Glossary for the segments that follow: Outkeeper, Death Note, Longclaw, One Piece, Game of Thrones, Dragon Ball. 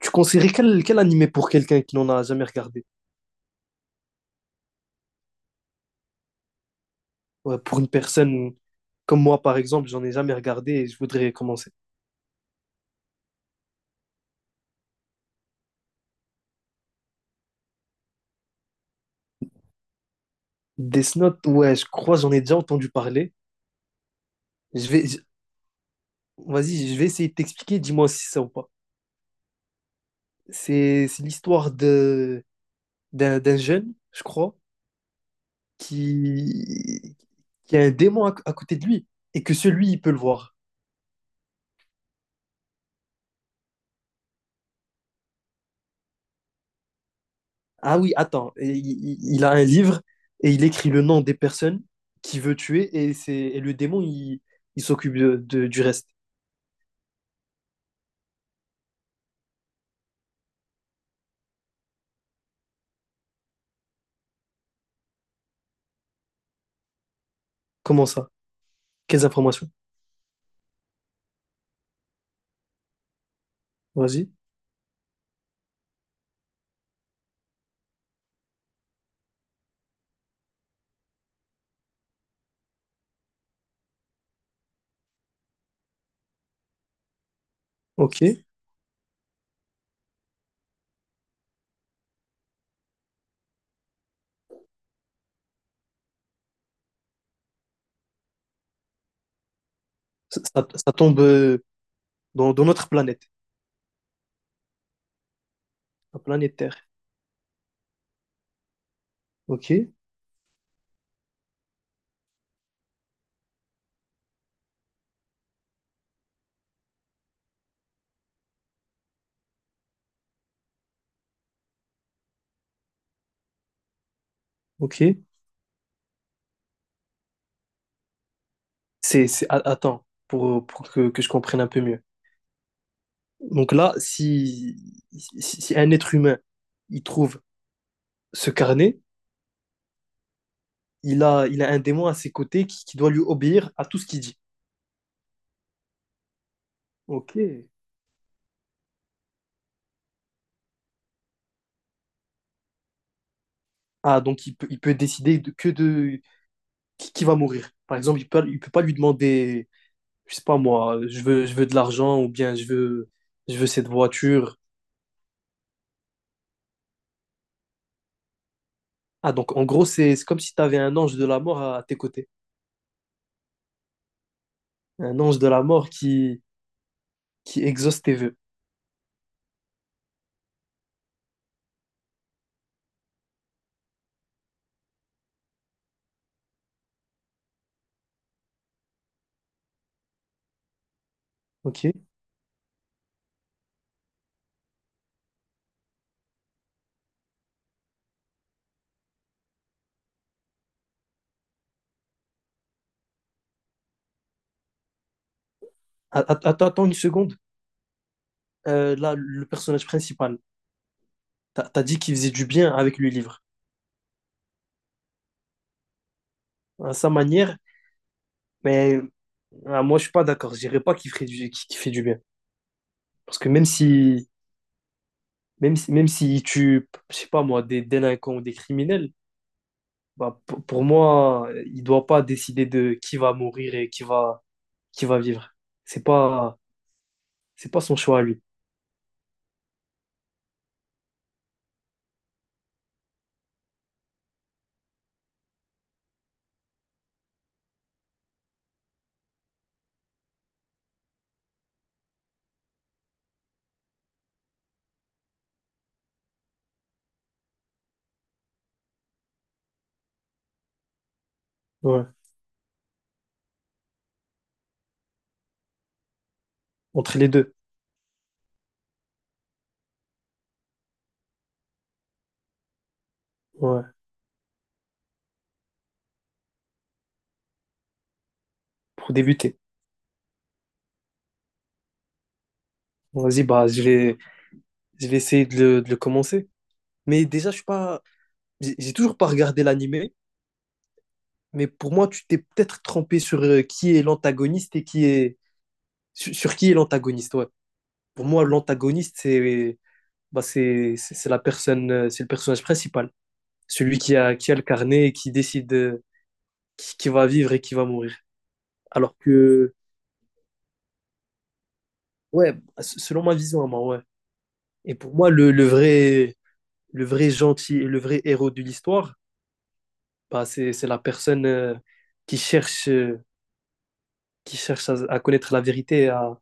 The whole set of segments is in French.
Tu conseillerais quel animé pour quelqu'un qui n'en a jamais regardé? Ouais, pour une personne comme moi, par exemple, j'en ai jamais regardé et je voudrais commencer. Death Note, ouais, je crois, j'en ai déjà entendu parler. Je vais, je- Vas-y, je vais essayer de t'expliquer, dis-moi si c'est ça ou pas. C'est l'histoire de d'un d'un jeune, je crois, qui, qui a un démon à côté de lui et que celui, il peut le voir. Ah oui, attends, et il a un livre et il écrit le nom des personnes qu'il veut tuer et le démon, il s'occupe du reste. Comment ça? Quelles informations? Vas-y, ok. Ça tombe dans notre planète, la planète Terre. Ok, ok. Attends, pour que je comprenne un peu mieux. Donc là, si un être humain, il trouve ce carnet, il a un démon à ses côtés qui doit lui obéir à tout ce qu'il dit. Ok. Ah, donc il peut décider que de qui va mourir. Par exemple, il peut pas lui demander, je sais pas moi, je veux de l'argent ou bien je veux cette voiture. Ah, donc en gros, c'est comme si tu avais un ange de la mort à tes côtés. Un ange de la mort qui exauce tes vœux. Ok? Attends, attends une seconde. Là, le personnage principal, t'as dit qu'il faisait du bien avec le livre. À sa manière, mais ah, moi, je suis pas d'accord. Je dirais pas qu'il ferait qu'il fait du bien. Parce que même si même si, même s'il tue, je sais pas moi, des délinquants ou des criminels, bah, pour moi, il doit pas décider de qui va mourir et qui va vivre. C'est pas, c'est pas son choix à lui. Ouais. Entre les deux. Ouais. Pour débuter. Vas-y, bah, je vais essayer de le commencer. Mais déjà, je suis pas, j'ai toujours pas regardé l'animé. Mais pour moi, tu t'es peut-être trompé sur qui est l'antagoniste et sur qui est l'antagoniste. Ouais. Pour moi, l'antagoniste, c'est bah, c'est la personne, c'est le personnage principal, celui qui a le carnet et qui décide qui va vivre et qui va mourir. Alors que, ouais, selon ma vision, à moi, ouais. Et pour moi, le vrai gentil, le vrai héros de l'histoire, bah, c'est la personne qui cherche, euh, qui cherche à connaître la vérité et à,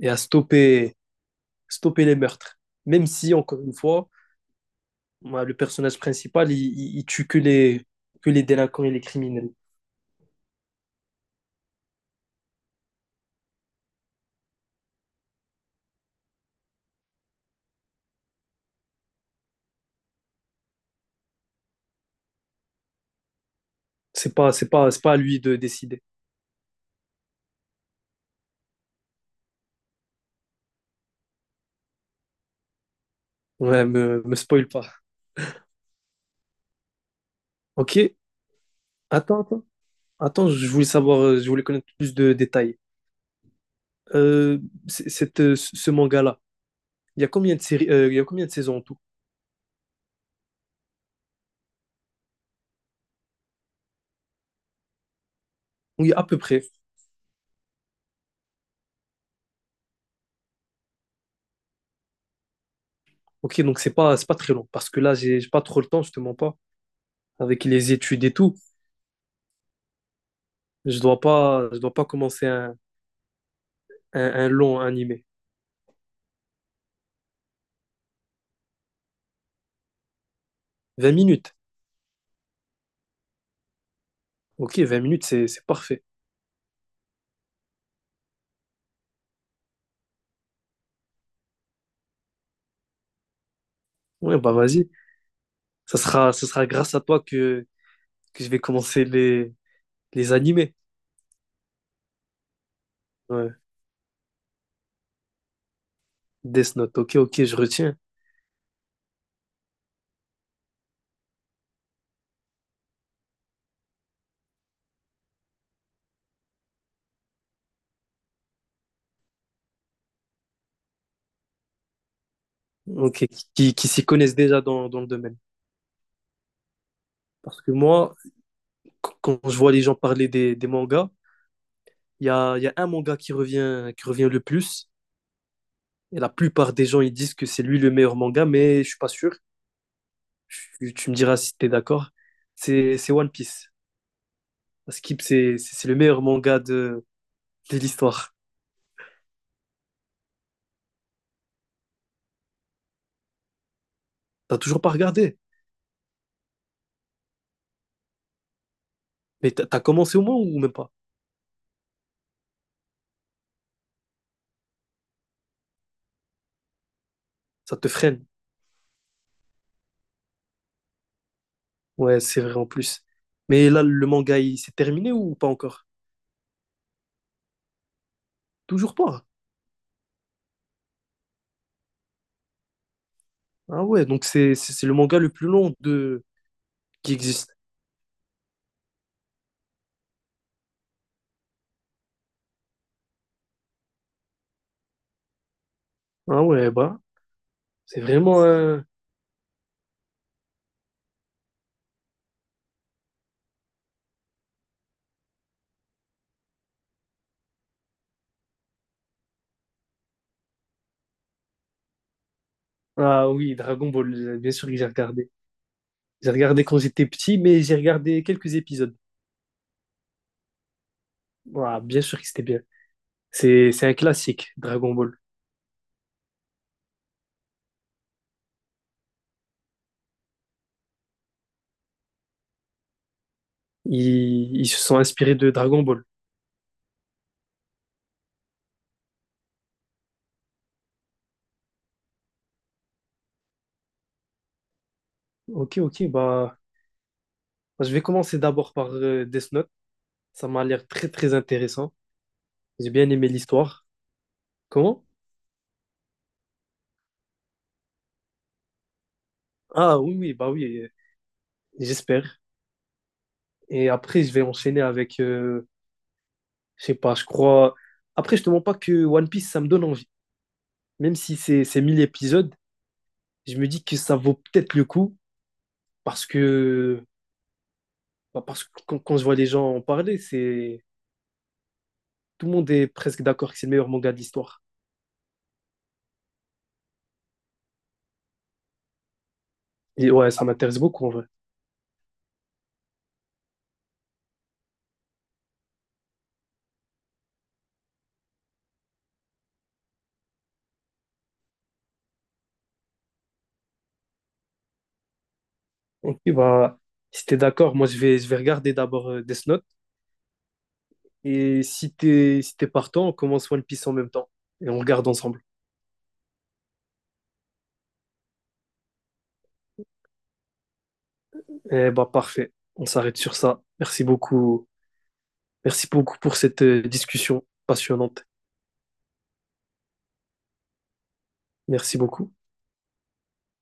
et à stopper, stopper les meurtres. Même si, encore une fois, ouais, le personnage principal, il tue que les délinquants et les criminels. C'est pas à lui de décider. Ouais, me spoil pas. Ok, attends, attends. Attends, je voulais savoir, je voulais connaître plus de détails. Euh, c- cette, ce ce manga-là, il y a combien de séries, il y a combien de saisons en tout? Oui, à peu près. Ok, donc c'est pas très long, parce que là, j'ai pas trop le temps, je te mens pas, avec les études et tout. Je dois pas commencer un, un long animé. 20 minutes. Ok, 20 minutes, c'est parfait. Ouais, bah vas-y. Ça sera grâce à toi que je vais commencer les animés. Ouais. Death Note. Ok, ok, je retiens. Ok, qui s'y connaissent déjà dans le domaine. Parce que moi, quand je vois les gens parler des mangas, il y a un manga qui revient le plus. Et la plupart des gens, ils disent que c'est lui le meilleur manga, mais je suis pas sûr. Tu me diras si tu es d'accord. C'est One Piece. Skip, c'est le meilleur manga de l'histoire. T'as toujours pas regardé, mais t'as commencé au moins ou même pas? Ça te freine. Ouais, c'est vrai en plus. Mais là, le manga, il s'est terminé ou pas encore? Toujours pas. Ah ouais, donc c'est le manga le plus long de qui existe. Ah ouais, bah, c'est vraiment un... Ah oui, Dragon Ball, bien sûr que j'ai regardé. J'ai regardé quand j'étais petit, mais j'ai regardé quelques épisodes. Ah, bien sûr que c'était bien. C'est un classique, Dragon Ball. Ils se sont inspirés de Dragon Ball. Ok, ok, bah, je vais commencer d'abord par Death Note. Ça m'a l'air très, très intéressant. J'ai bien aimé l'histoire. Comment? Ah oui, oui, bah oui, j'espère. Et après, je vais enchaîner je sais pas, je crois. Après, je te mens pas que One Piece, ça me donne envie. Même si c'est 1 000 épisodes, je me dis que ça vaut peut-être le coup parce que, bah, parce que quand je vois les gens en parler, c'est tout le monde est presque d'accord que c'est le meilleur manga de l'histoire. Et ouais, ça m'intéresse beaucoup en vrai. Ok, bah, si t'es d'accord, moi je vais regarder d'abord Death Note. Et si t'es partant, on commence One Piece en même temps. Et on regarde ensemble. Eh bah, parfait. On s'arrête sur ça. Merci beaucoup. Merci beaucoup pour cette discussion passionnante. Merci beaucoup.